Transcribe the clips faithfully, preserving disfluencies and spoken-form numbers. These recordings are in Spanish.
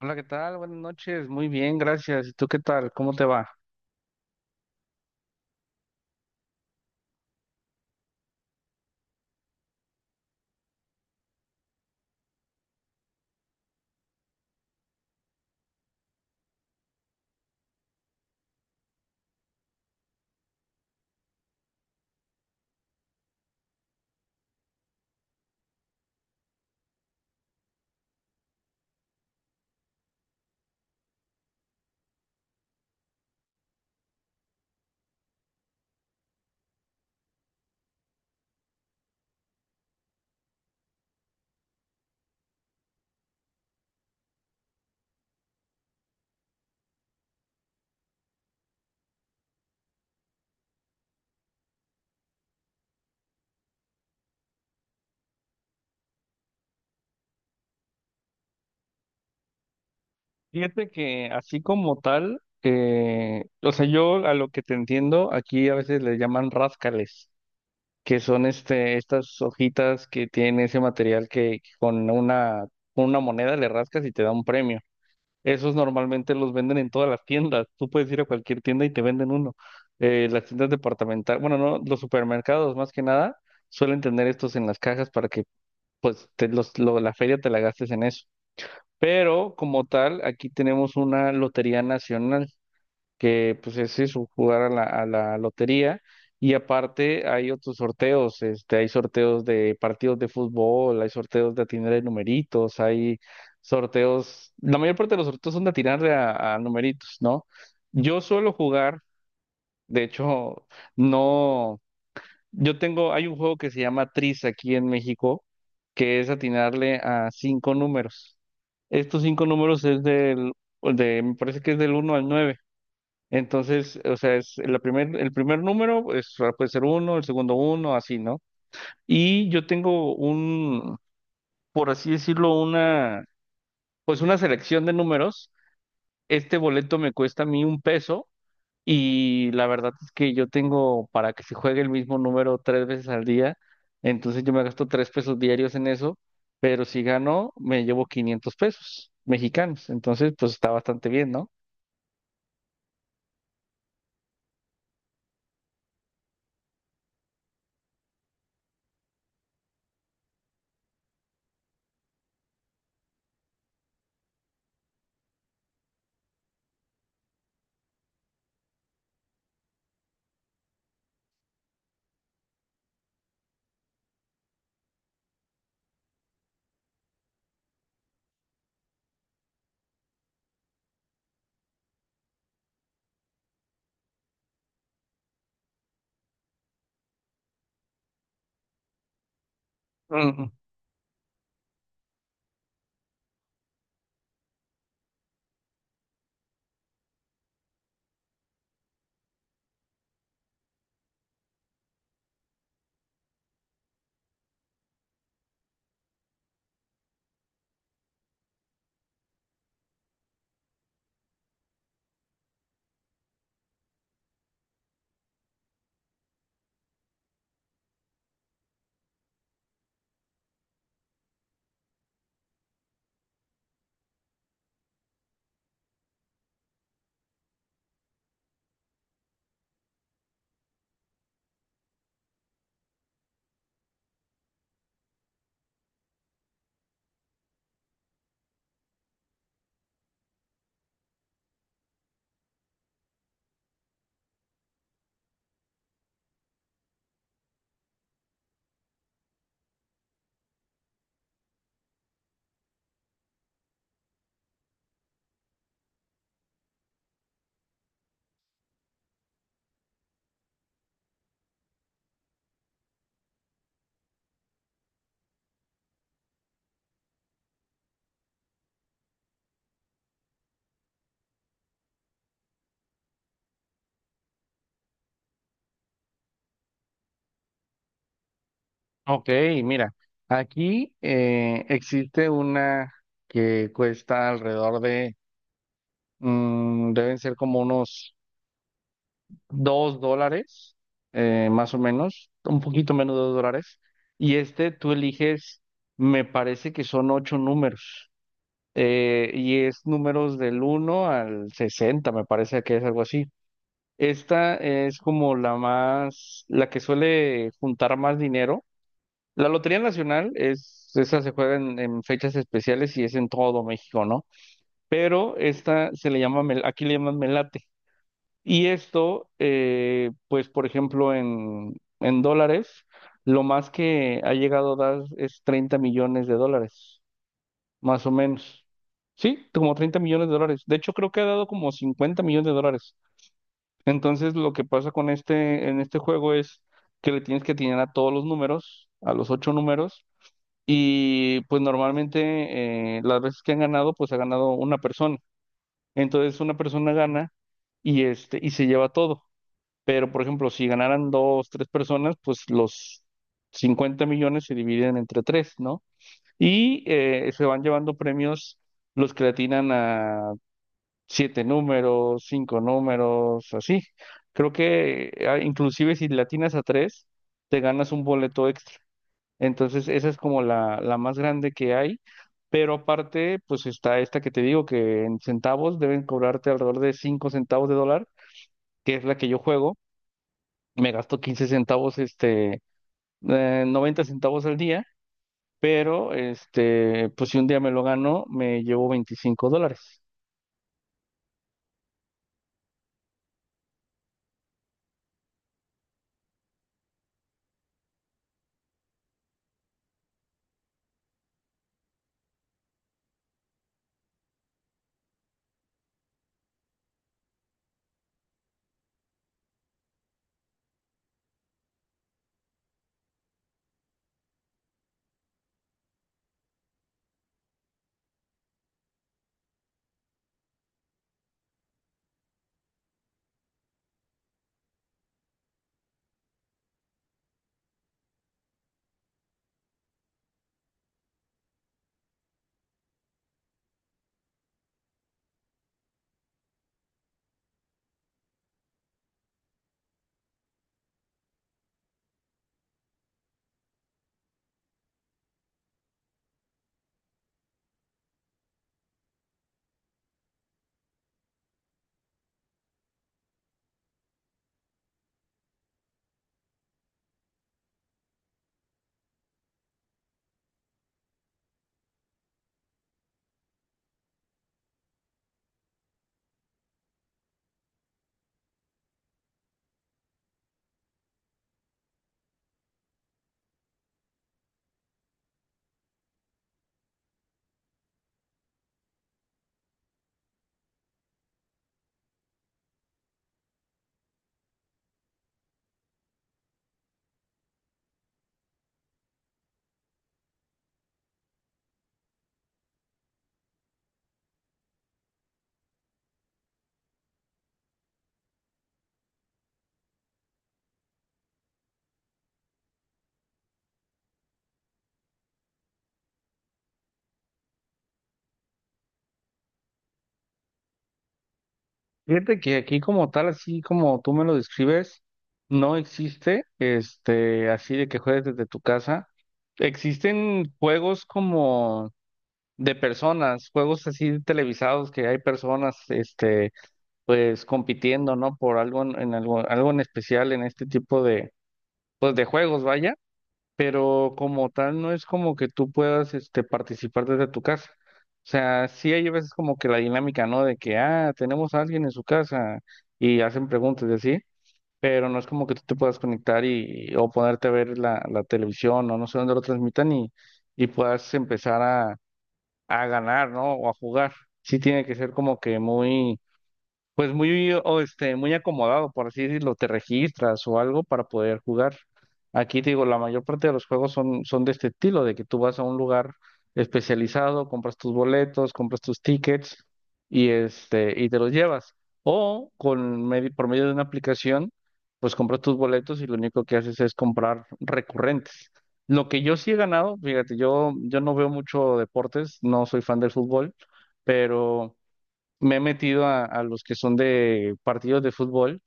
Hola, ¿qué tal? Buenas noches, muy bien, gracias. ¿Y tú qué tal? ¿Cómo te va? Fíjate que así como tal, eh, o sea, yo a lo que te entiendo, aquí a veces le llaman ráscales, que son este, estas hojitas que tienen ese material que con una, con una moneda le rascas y te da un premio. Esos normalmente los venden en todas las tiendas. Tú puedes ir a cualquier tienda y te venden uno. Eh, las tiendas departamentales, bueno, no, los supermercados más que nada, suelen tener estos en las cajas para que pues te los- lo- la feria te la gastes en eso. Pero como tal, aquí tenemos una lotería nacional, que pues es eso, jugar a la, a la lotería. Y aparte hay otros sorteos, este, hay sorteos de partidos de fútbol, hay sorteos de atinar de numeritos, hay sorteos, la mayor parte de los sorteos son de atinar de a, a numeritos, ¿no? Yo suelo jugar, de hecho, no. Yo tengo, hay un juego que se llama Tris aquí en México, que es atinarle a cinco números. Estos cinco números es del, de, me parece que es del uno al nueve. Entonces, o sea, es la primer, el primer número pues, ah, puede ser uno, el segundo uno, así, ¿no? Y yo tengo un, por así decirlo, una, pues una selección de números. Este boleto me cuesta a mí un peso y la verdad es que yo tengo para que se juegue el mismo número tres veces al día, entonces yo me gasto tres pesos diarios en eso, pero si gano me llevo quinientos pesos mexicanos, entonces pues está bastante bien, ¿no? Mm. Ok, mira, aquí eh, existe una que cuesta alrededor de, mm, deben ser como unos dos dólares, eh, más o menos, un poquito menos de dos dólares. Y este tú eliges, me parece que son ocho números. eh, y es números del uno al sesenta, me parece que es algo así. Esta es como la más, la que suele juntar más dinero. La Lotería Nacional es, esa se juega en, en fechas especiales y es en todo México, ¿no? Pero esta se le llama, mel- aquí le llaman melate. Y esto, eh, pues por ejemplo, en, en dólares, lo más que ha llegado a dar es treinta millones de dólares, más o menos. Sí, como treinta millones de dólares. De hecho, creo que ha dado como cincuenta millones de dólares. Entonces, lo que pasa con este, en este juego es que le tienes que atinar a todos los números, a los ocho números, y pues normalmente, eh, las veces que han ganado, pues ha ganado una persona. Entonces, una persona gana y este, y se lleva todo. Pero, por ejemplo, si ganaran dos, tres personas, pues los cincuenta millones se dividen entre tres, ¿no? Y eh, se van llevando premios los que le atinan a siete números, cinco números, así. Creo que, ah, inclusive si le atinas a tres, te ganas un boleto extra. Entonces, esa es como la, la más grande que hay. Pero aparte, pues está esta que te digo, que en centavos deben cobrarte alrededor de cinco centavos de dólar, que es la que yo juego. Me gasto quince centavos, este, eh, noventa centavos al día, pero este, pues si un día me lo gano, me llevo veinticinco dólares. Fíjate que aquí como tal, así como tú me lo describes, no existe, este, así de que juegues desde tu casa. Existen juegos como de personas, juegos así televisados que hay personas, este, pues compitiendo, ¿no? Por algo en, en algo, algo en especial en este tipo de, pues de juegos, vaya. Pero como tal no es como que tú puedas este, participar desde tu casa. O sea, sí hay veces como que la dinámica, ¿no? De que, ah, tenemos a alguien en su casa y hacen preguntas y así, pero no es como que tú te puedas conectar y, o ponerte a ver la, la televisión o no sé dónde lo transmitan y, y puedas empezar a, a ganar, ¿no? O a jugar. Sí tiene que ser como que muy pues muy, o este, muy acomodado, por así decirlo, te registras o algo para poder jugar. Aquí te digo, la mayor parte de los juegos son, son de este estilo, de que tú vas a un lugar especializado, compras tus boletos, compras tus tickets y este, y te los llevas. O con medi- por medio de una aplicación, pues compras tus boletos y lo único que haces es comprar recurrentes. Lo que yo sí he ganado, fíjate, yo, yo no veo mucho deportes, no soy fan del fútbol, pero me he metido a, a los que son de partidos de fútbol,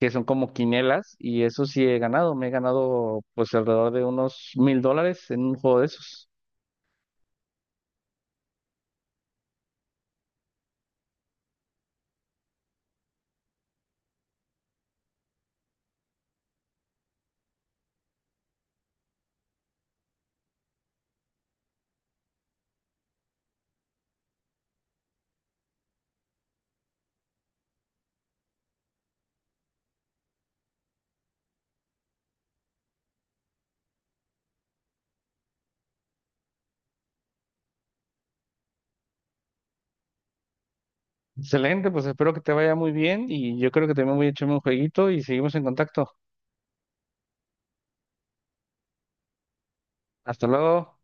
que son como quinielas, y eso sí he ganado. Me he ganado pues alrededor de unos mil dólares en un juego de esos. Excelente, pues espero que te vaya muy bien y yo creo que también voy a echarme un jueguito y seguimos en contacto. Hasta luego.